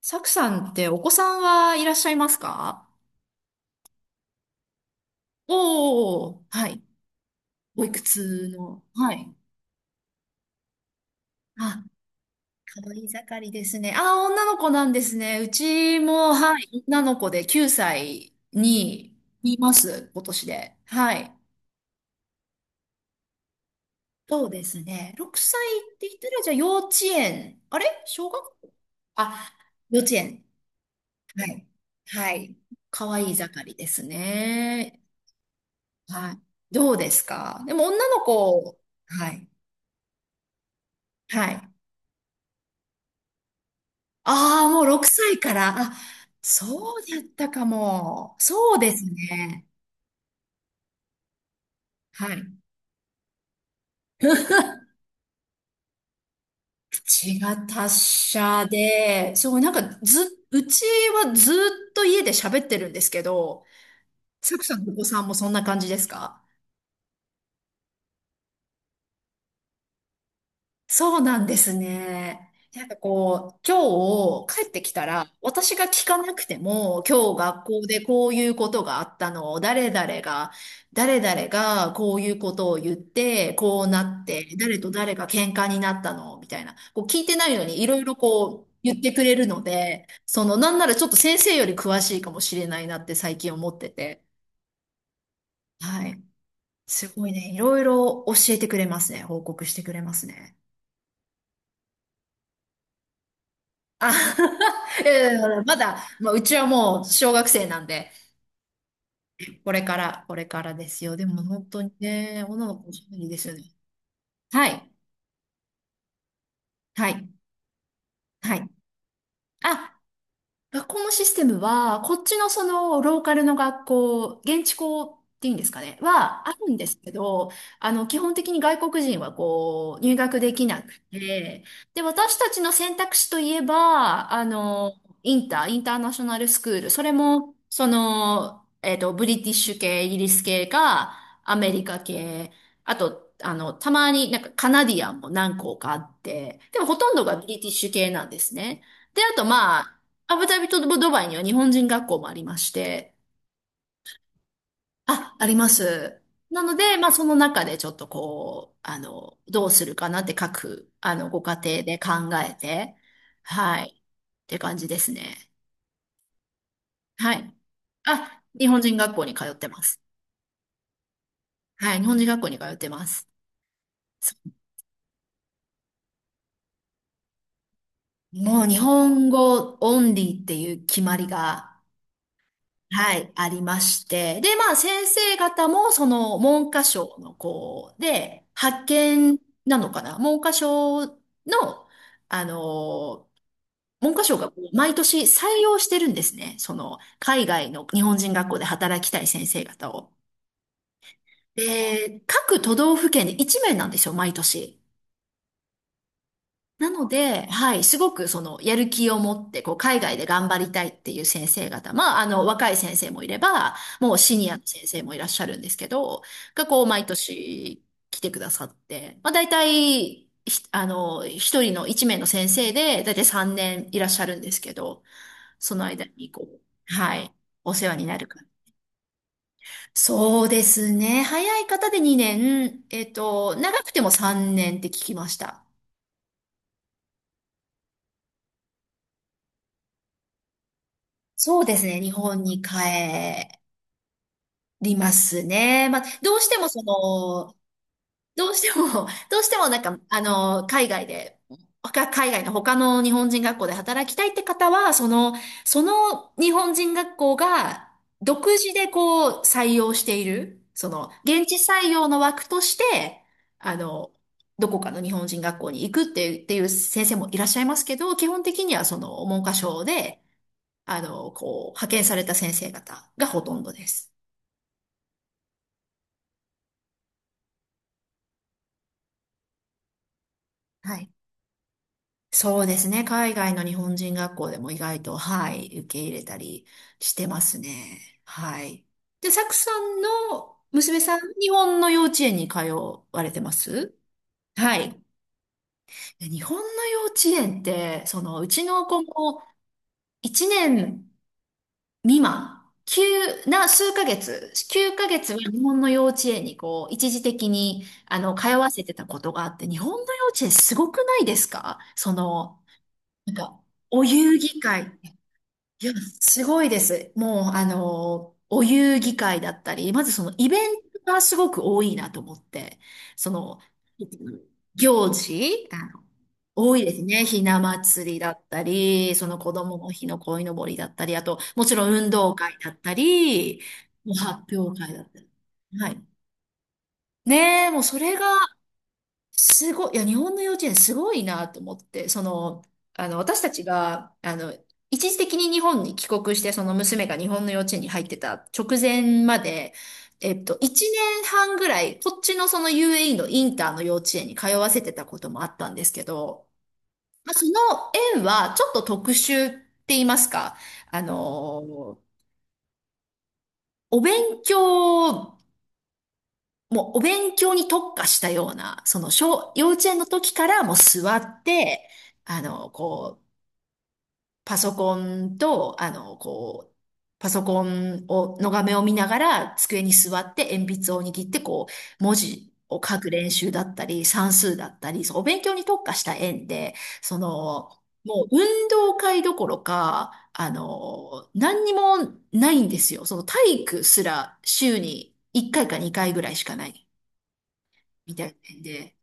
サクさんってお子さんはいらっしゃいますか？おおー、はい。おいくつの、はい。あ、可愛い盛りですね。あ、女の子なんですね。うちも、はい、女の子で9歳にいます、今年で。はい。そうですね。6歳って言ったら、じゃあ幼稚園。あれ、小学校、あ、幼稚園。はい。はい。可愛い盛りですね。はい。どうですか、でも女の子、はい。はい。ああ、もう6歳から。あ、そうだったかも。そうですね。はい。口が達者で、そう、なんかず、うちはずっと家で喋ってるんですけど、サクさんのお子さんもそんな感じですか？そうなんですね。なんかこう、今日帰ってきたら、私が聞かなくても、今日学校でこういうことがあったのを、誰々がこういうことを言って、こうなって、誰と誰が喧嘩になったの、みたいな。こう聞いてないのに、いろいろこう言ってくれるので、その、なんならちょっと先生より詳しいかもしれないなって最近思ってて。はい。すごいね。いろいろ教えてくれますね。報告してくれますね。あ、いやいやいや、まだ、まあ、うちはもう小学生なんで、これから、これからですよ。でも本当にね、女の子おしゃべりですよね。はい、はい、はい。あ、学校のシステムは、こっちのそのローカルの学校、現地校っていうんですかね、はあるんですけど、あの、基本的に外国人はこう、入学できなくて、で、私たちの選択肢といえば、あの、インターナショナルスクール、それも、その、えっと、ブリティッシュ系、イギリス系か、アメリカ系、あと、あの、たまになんかカナディアンも何校かあって、でもほとんどがブリティッシュ系なんですね。で、あとまあ、アブダビとドバイには日本人学校もありまして、あ、あります。なので、まあその中でちょっとこう、あの、どうするかなって各、あの、ご家庭で考えて、はい、って感じですね。はい。あ、日本人学校に通ってます。はい、日本人学校に通ってます。そう、もう日本語オンリーっていう決まりが、はい、ありまして。で、まあ、先生方も、その、文科省の、こう、で、派遣なのかな、文科省の、あの、文科省がこう毎年採用してるんですね。その、海外の日本人学校で働きたい先生方を。で、各都道府県で一名なんですよ、毎年。なので、はい、すごくそのやる気を持って、こう、海外で頑張りたいっていう先生方、まあ、あの、若い先生もいれば、もうシニアの先生もいらっしゃるんですけど、がこう、毎年来てくださって、まあ、大体、ひあの、一人の一名の先生で、大体3年いらっしゃるんですけど、その間にこう、はい、お世話になるから。そうですね。早い方で2年、えっと、長くても3年って聞きました。そうですね。日本に帰りますね。まあ、どうしてもその、どうしても、どうしてもなんか、あの、海外で、海外の他の日本人学校で働きたいって方は、その、日本人学校が独自でこう採用している、その、現地採用の枠として、あの、どこかの日本人学校に行くっていう先生もいらっしゃいますけど、基本的にはその文科省で、あの、こう、派遣された先生方がほとんどです。はい、そうですね。海外の日本人学校でも意外と、はい、受け入れたりしてますね。はい。で、サクさんの娘さん、日本の幼稚園に通われてます？はい。で、日本の幼稚園って、その、うちの子も1年未満、急な数ヶ月、9ヶ月は日本の幼稚園にこう、一時的に、あの、通わせてたことがあって、日本の幼稚園すごくないですか、その、なんか、お遊戯会。いや、すごいです。もう、あの、お遊戯会だったり、まずそのイベントがすごく多いなと思って、その、行事、あの、多いですね。ひな祭りだったり、その子供の日の鯉のぼりだったり、あと、もちろん運動会だったり、もう発表会だったり。はい。ねえ、もうそれがすごい、いや、日本の幼稚園すごいなと思って、その、あの、私たちが、あの、一時的に日本に帰国して、その娘が日本の幼稚園に入ってた直前まで、えっと、一年半ぐらい、こっちのその UAE のインターの幼稚園に通わせてたこともあったんですけど、まあ、その園はちょっと特殊って言いますか、あの、お勉強もうお勉強に特化したような、その幼稚園の時からもう座って、あの、こう、パソコンと、あの、こう、パソコンを、の画面を見ながら、机に座って鉛筆を握って、こう、文字を書く練習だったり、算数だったり、そう、お勉強に特化した縁で、その、もう運動会どころか、あの、何にもないんですよ。その体育すら週に1回か2回ぐらいしかない、みたいなんで、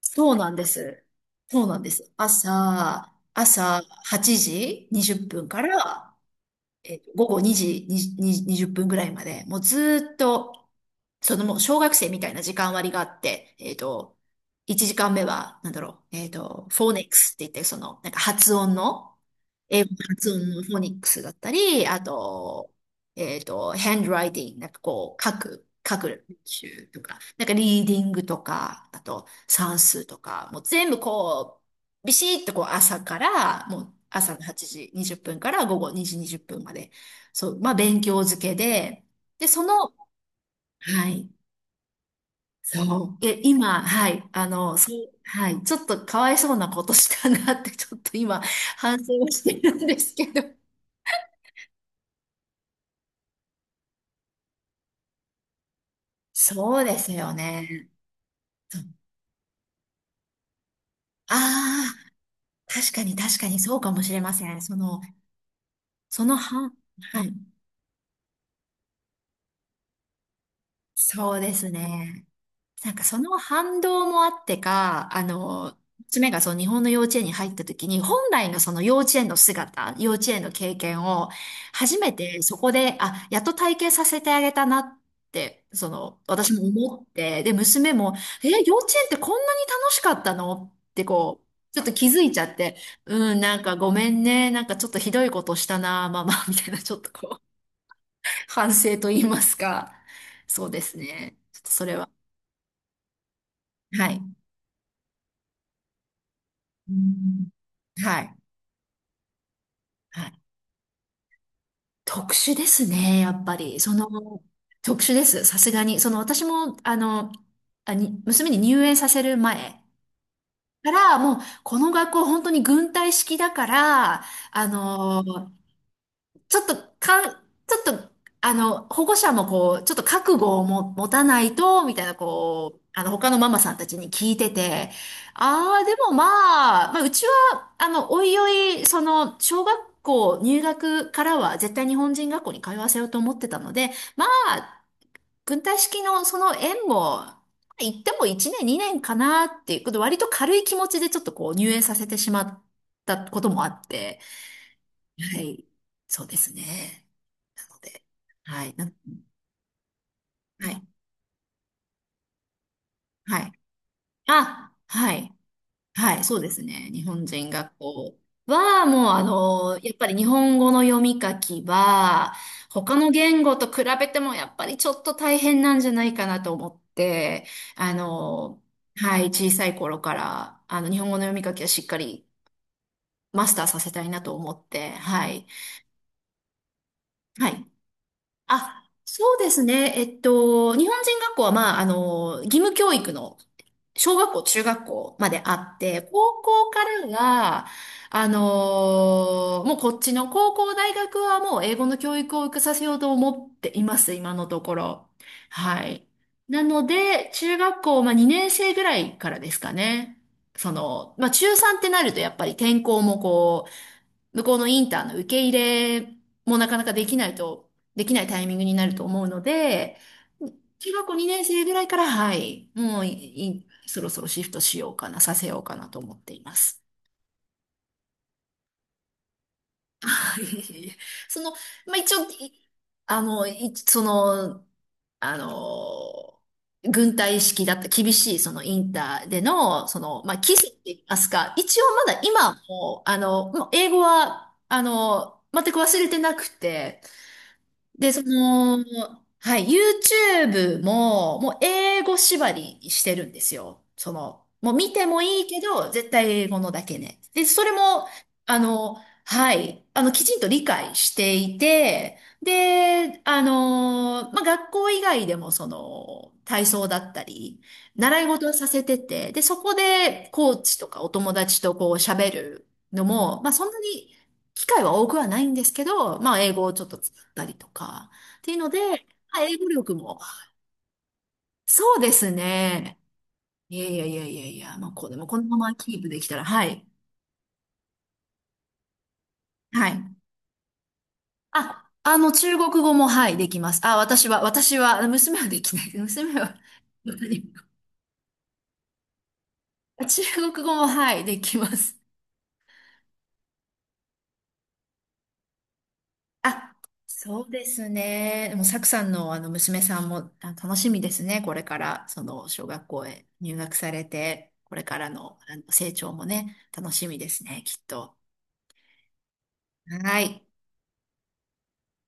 そうなんです。そうなんです。朝8時20分から、え、午後2時2、20分ぐらいまで、もうずーっと、そのもう小学生みたいな時間割があって、えっと、1時間目は、なんだろう、えっと、フォーネックスって言って、その、なんか発音の、英語の発音のフォニックスだったり、あと、えっと、ハンドライティング、なんかこう、書く練習とか、なんかリーディングとか、あと算数とか、もう全部こう、ビシッとこう朝から、もう朝の8時20分から午後2時20分まで、そう、まあ勉強漬けで、で、その、はい、そう、え、今、はい、あの、そう、はい、ちょっとかわいそうなことしたなって、ちょっと今、反省をしてるんですけど。そうですよね。ああー、確かに確かにそうかもしれません。その、その半、はい、そうですね。なんかその反動もあってか、あの、娘がその日本の幼稚園に入った時に、本来のその幼稚園の姿、幼稚園の経験を、初めてそこで、あ、やっと体験させてあげたなって、その、私も思って、で、娘も、え、幼稚園ってこんなに楽しかったのってこう、ちょっと気づいちゃって、うん、なんかごめんね、なんかちょっとひどいことしたな、ママ、みたいな、ちょっとこう、反省と言いますか。そうですね。ちょっとそれは。はい。うん。はい。はい。特殊ですね、やっぱり。その、特殊です、さすがに。私も、あの、あに、娘に入園させる前から、もう、この学校、本当に軍隊式だから、あの、ちょっと、かん、ちょっと、保護者もこう、ちょっと覚悟をも持たないと、みたいな、こう、他のママさんたちに聞いてて、ああ、でもまあ、うちは、おいおい、小学校入学からは絶対日本人学校に通わせようと思ってたので、まあ、軍隊式のその縁も、行っても1年、2年かなっていうこと、割と軽い気持ちでちょっとこう、入園させてしまったこともあって、はい。そうですね。なので、はい。はい。はい。あ、はい。はい。そうですね。日本人学校は、もう、やっぱり日本語の読み書きは、他の言語と比べても、やっぱりちょっと大変なんじゃないかなと思って、あの、はい。小さい頃から、日本語の読み書きはしっかりマスターさせたいなと思って、はい。はい。あ、そうですね。日本人学校は、まあ、義務教育の小学校、中学校まであって、高校からが、もうこっちの高校、大学はもう英語の教育を受けさせようと思っています、今のところ。はい。なので、中学校、まあ、2年生ぐらいからですかね。まあ、中3ってなるとやっぱり転校もこう、向こうのインターの受け入れもなかなかできないと、できないタイミングになると思うので、中学校2年生ぐらいから、はい、もういいそろそろシフトしようかな、させようかなと思っています。はい。その、まあ、一応、いあの、いその、あの、軍隊式だった厳しいそのインターでの、まあ、基礎って言いますか、一応まだ今も、もう英語は、全く忘れてなくて、で、はい、YouTube も、もう英語縛りにしてるんですよ。もう見てもいいけど、絶対英語のだけね。で、それも、あの、はい、きちんと理解していて、で、まあ、学校以外でも、体操だったり、習い事をさせてて、で、そこで、コーチとかお友達とこう喋るのも、まあ、そんなに、機会は多くはないんですけど、まあ、英語をちょっとたりとか。っていうので、まあ英語力も。そうですね。いやいやいやいやいや、まあ、こうでもこのままキープできたら、はい。はい。あ、中国語も、はい、できます。あ、私は、娘はできない。娘は、中国語も、はい、できます。あ、そうですね。でも、サクさんの、娘さんも、あ、楽しみですね。これから、小学校へ入学されて、これからの、成長もね、楽しみですね、きっと。はい。